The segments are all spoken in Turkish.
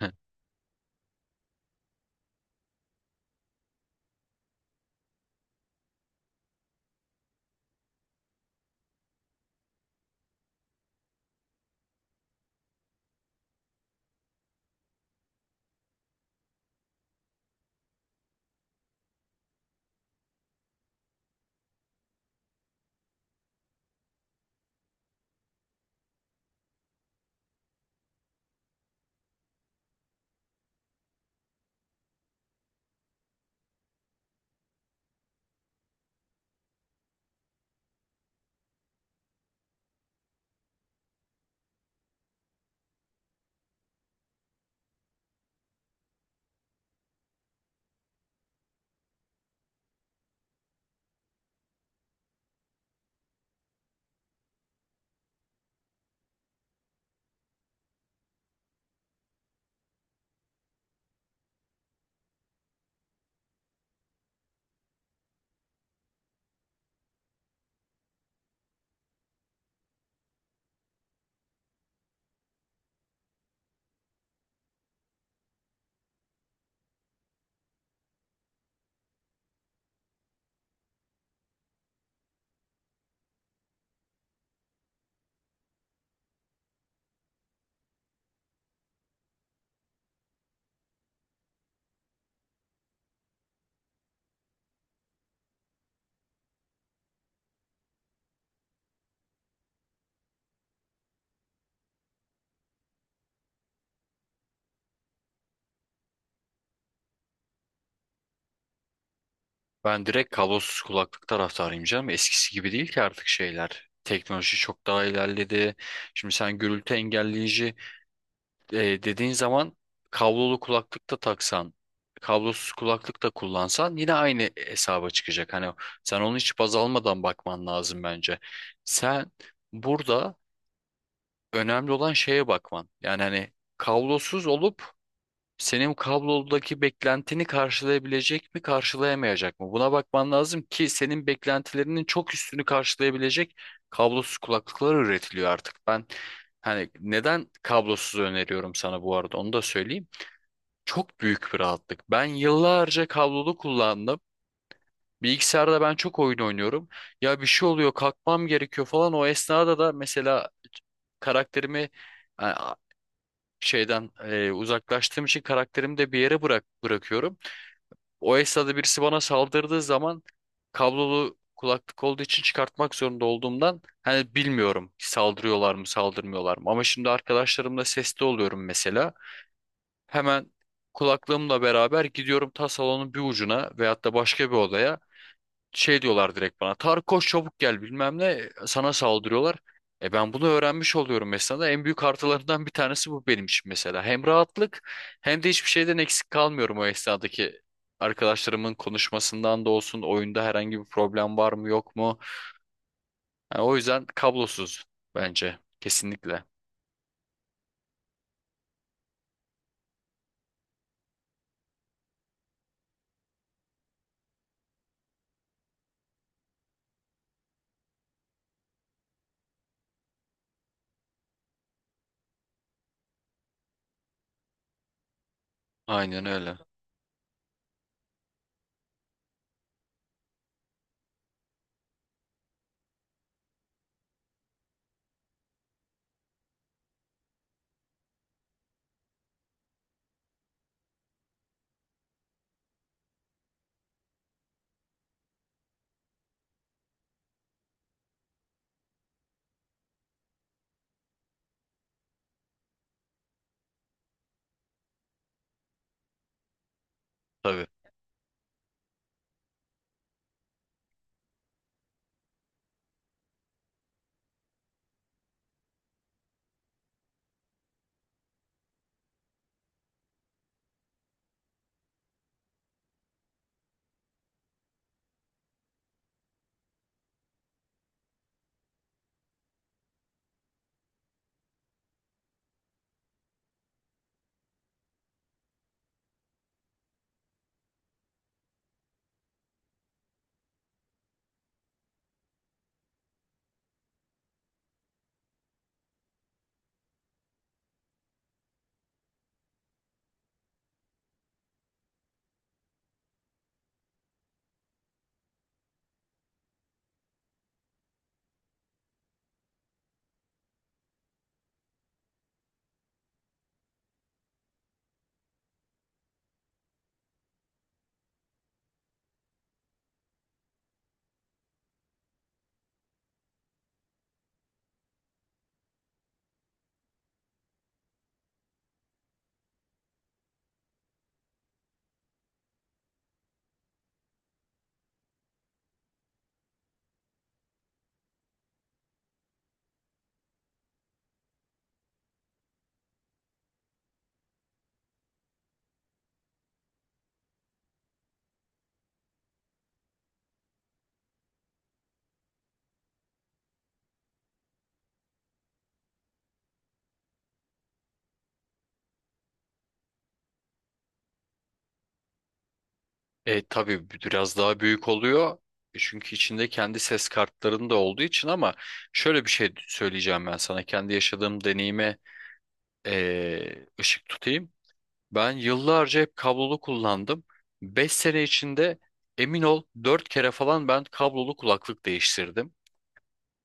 Heh. Ben direkt kablosuz kulaklık taraftarıyım canım. Eskisi gibi değil ki artık şeyler. Teknoloji çok daha ilerledi. Şimdi sen gürültü engelleyici e, dediğin zaman kablolu kulaklık da taksan, kablosuz kulaklık da kullansan yine aynı hesaba çıkacak. Hani sen onu hiç baz almadan bakman lazım bence. Sen burada önemli olan şeye bakman. Yani hani kablosuz olup senin kablodaki beklentini karşılayabilecek mi, karşılayamayacak mı? Buna bakman lazım ki senin beklentilerinin çok üstünü karşılayabilecek kablosuz kulaklıklar üretiliyor artık. Ben hani neden kablosuz öneriyorum sana bu arada onu da söyleyeyim. Çok büyük bir rahatlık. Ben yıllarca kablolu kullandım. Bilgisayarda ben çok oyun oynuyorum. Ya bir şey oluyor, kalkmam gerekiyor falan. O esnada da mesela karakterimi e, şeyden uzaklaştığım için karakterimi de bir yere bırakıyorum. O esnada birisi bana saldırdığı zaman kablolu kulaklık olduğu için çıkartmak zorunda olduğumdan hani bilmiyorum saldırıyorlar mı saldırmıyorlar mı. Ama şimdi arkadaşlarımla sesli oluyorum mesela. Hemen kulaklığımla beraber gidiyorum ta salonun bir ucuna veyahut da başka bir odaya şey diyorlar direkt bana. Tarık koş çabuk gel bilmem ne sana saldırıyorlar. E ben bunu öğrenmiş oluyorum mesela. En büyük artılarından bir tanesi bu benim için mesela. Hem rahatlık hem de hiçbir şeyden eksik kalmıyorum o esnadaki arkadaşlarımın konuşmasından da olsun. Oyunda herhangi bir problem var mı yok mu? Yani o yüzden kablosuz bence kesinlikle. Aynen öyle. Tabii. E tabii biraz daha büyük oluyor. E, çünkü içinde kendi ses kartlarının da olduğu için ama şöyle bir şey söyleyeceğim ben sana. Kendi yaşadığım deneyime ışık tutayım. Ben yıllarca hep kablolu kullandım. 5 sene içinde emin ol 4 kere falan ben kablolu kulaklık değiştirdim.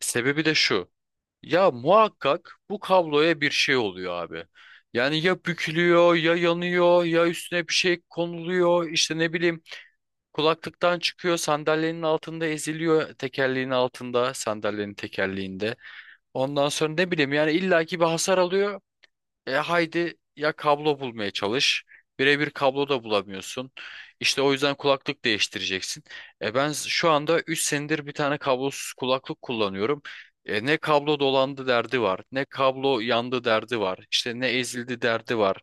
Sebebi de şu. Ya muhakkak bu kabloya bir şey oluyor abi. Yani ya bükülüyor ya yanıyor ya üstüne bir şey konuluyor işte ne bileyim. Kulaklıktan çıkıyor, sandalyenin altında eziliyor, tekerleğin altında, sandalyenin tekerleğinde. Ondan sonra ne bileyim yani illaki bir hasar alıyor haydi ya kablo bulmaya çalış. Birebir kablo da bulamıyorsun. İşte o yüzden kulaklık değiştireceksin. E ben şu anda 3 senedir bir tane kablosuz kulaklık kullanıyorum. E ne kablo dolandı derdi var, ne kablo yandı derdi var, İşte ne ezildi derdi var.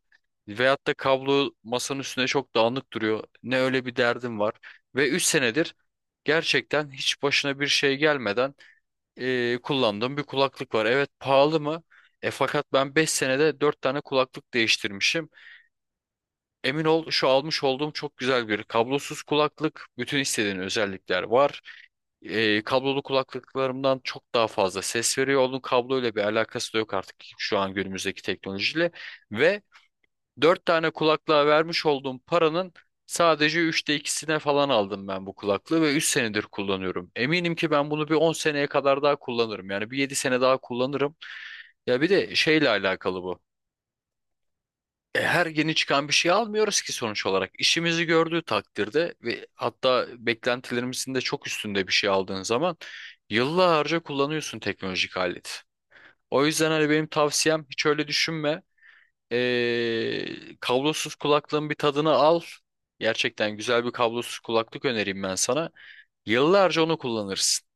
Veyahut da kablo masanın üstüne çok dağınık duruyor. Ne öyle bir derdim var. Ve 3 senedir gerçekten hiç başına bir şey gelmeden kullandığım bir kulaklık var. Evet, pahalı mı? E fakat ben 5 senede 4 tane kulaklık değiştirmişim. Emin ol şu almış olduğum çok güzel bir kablosuz kulaklık. Bütün istediğin özellikler var. E, kablolu kulaklıklarımdan çok daha fazla ses veriyor. Onun kabloyla bir alakası da yok artık şu an günümüzdeki teknolojiyle. Ve dört tane kulaklığa vermiş olduğum paranın sadece 2/3'üne falan aldım ben bu kulaklığı ve 3 senedir kullanıyorum. Eminim ki ben bunu bir 10 seneye kadar daha kullanırım. Yani bir 7 sene daha kullanırım. Ya bir de şeyle alakalı bu. E, her yeni çıkan bir şey almıyoruz ki sonuç olarak. İşimizi gördüğü takdirde ve hatta beklentilerimizin de çok üstünde bir şey aldığın zaman yıllarca kullanıyorsun teknolojik aleti. O yüzden hani benim tavsiyem hiç öyle düşünme. Kablosuz kulaklığın bir tadını al. Gerçekten güzel bir kablosuz kulaklık önereyim ben sana. Yıllarca onu kullanırsın.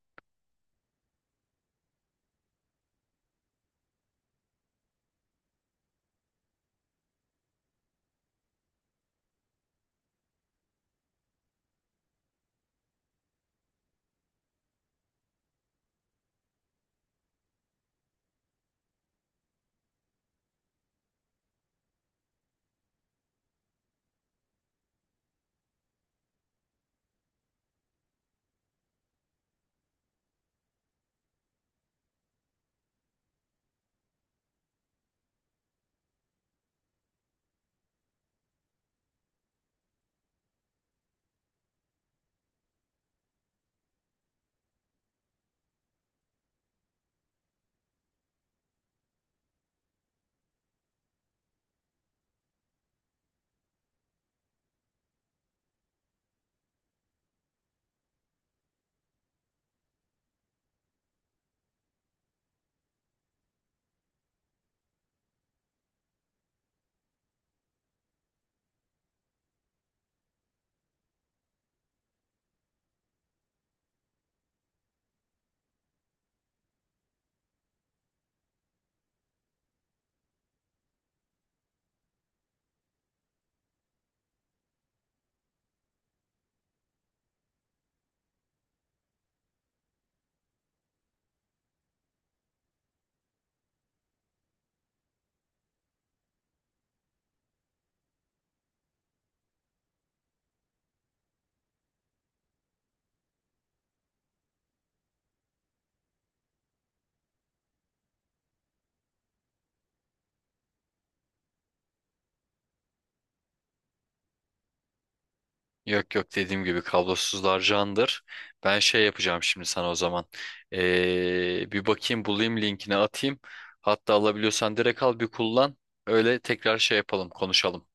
Yok yok, dediğim gibi kablosuzlar candır. Ben şey yapacağım şimdi sana o zaman. Bir bakayım bulayım linkini atayım. Hatta alabiliyorsan direkt al bir kullan. Öyle tekrar şey yapalım konuşalım.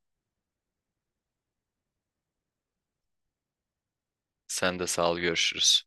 Sen de sağ ol, görüşürüz.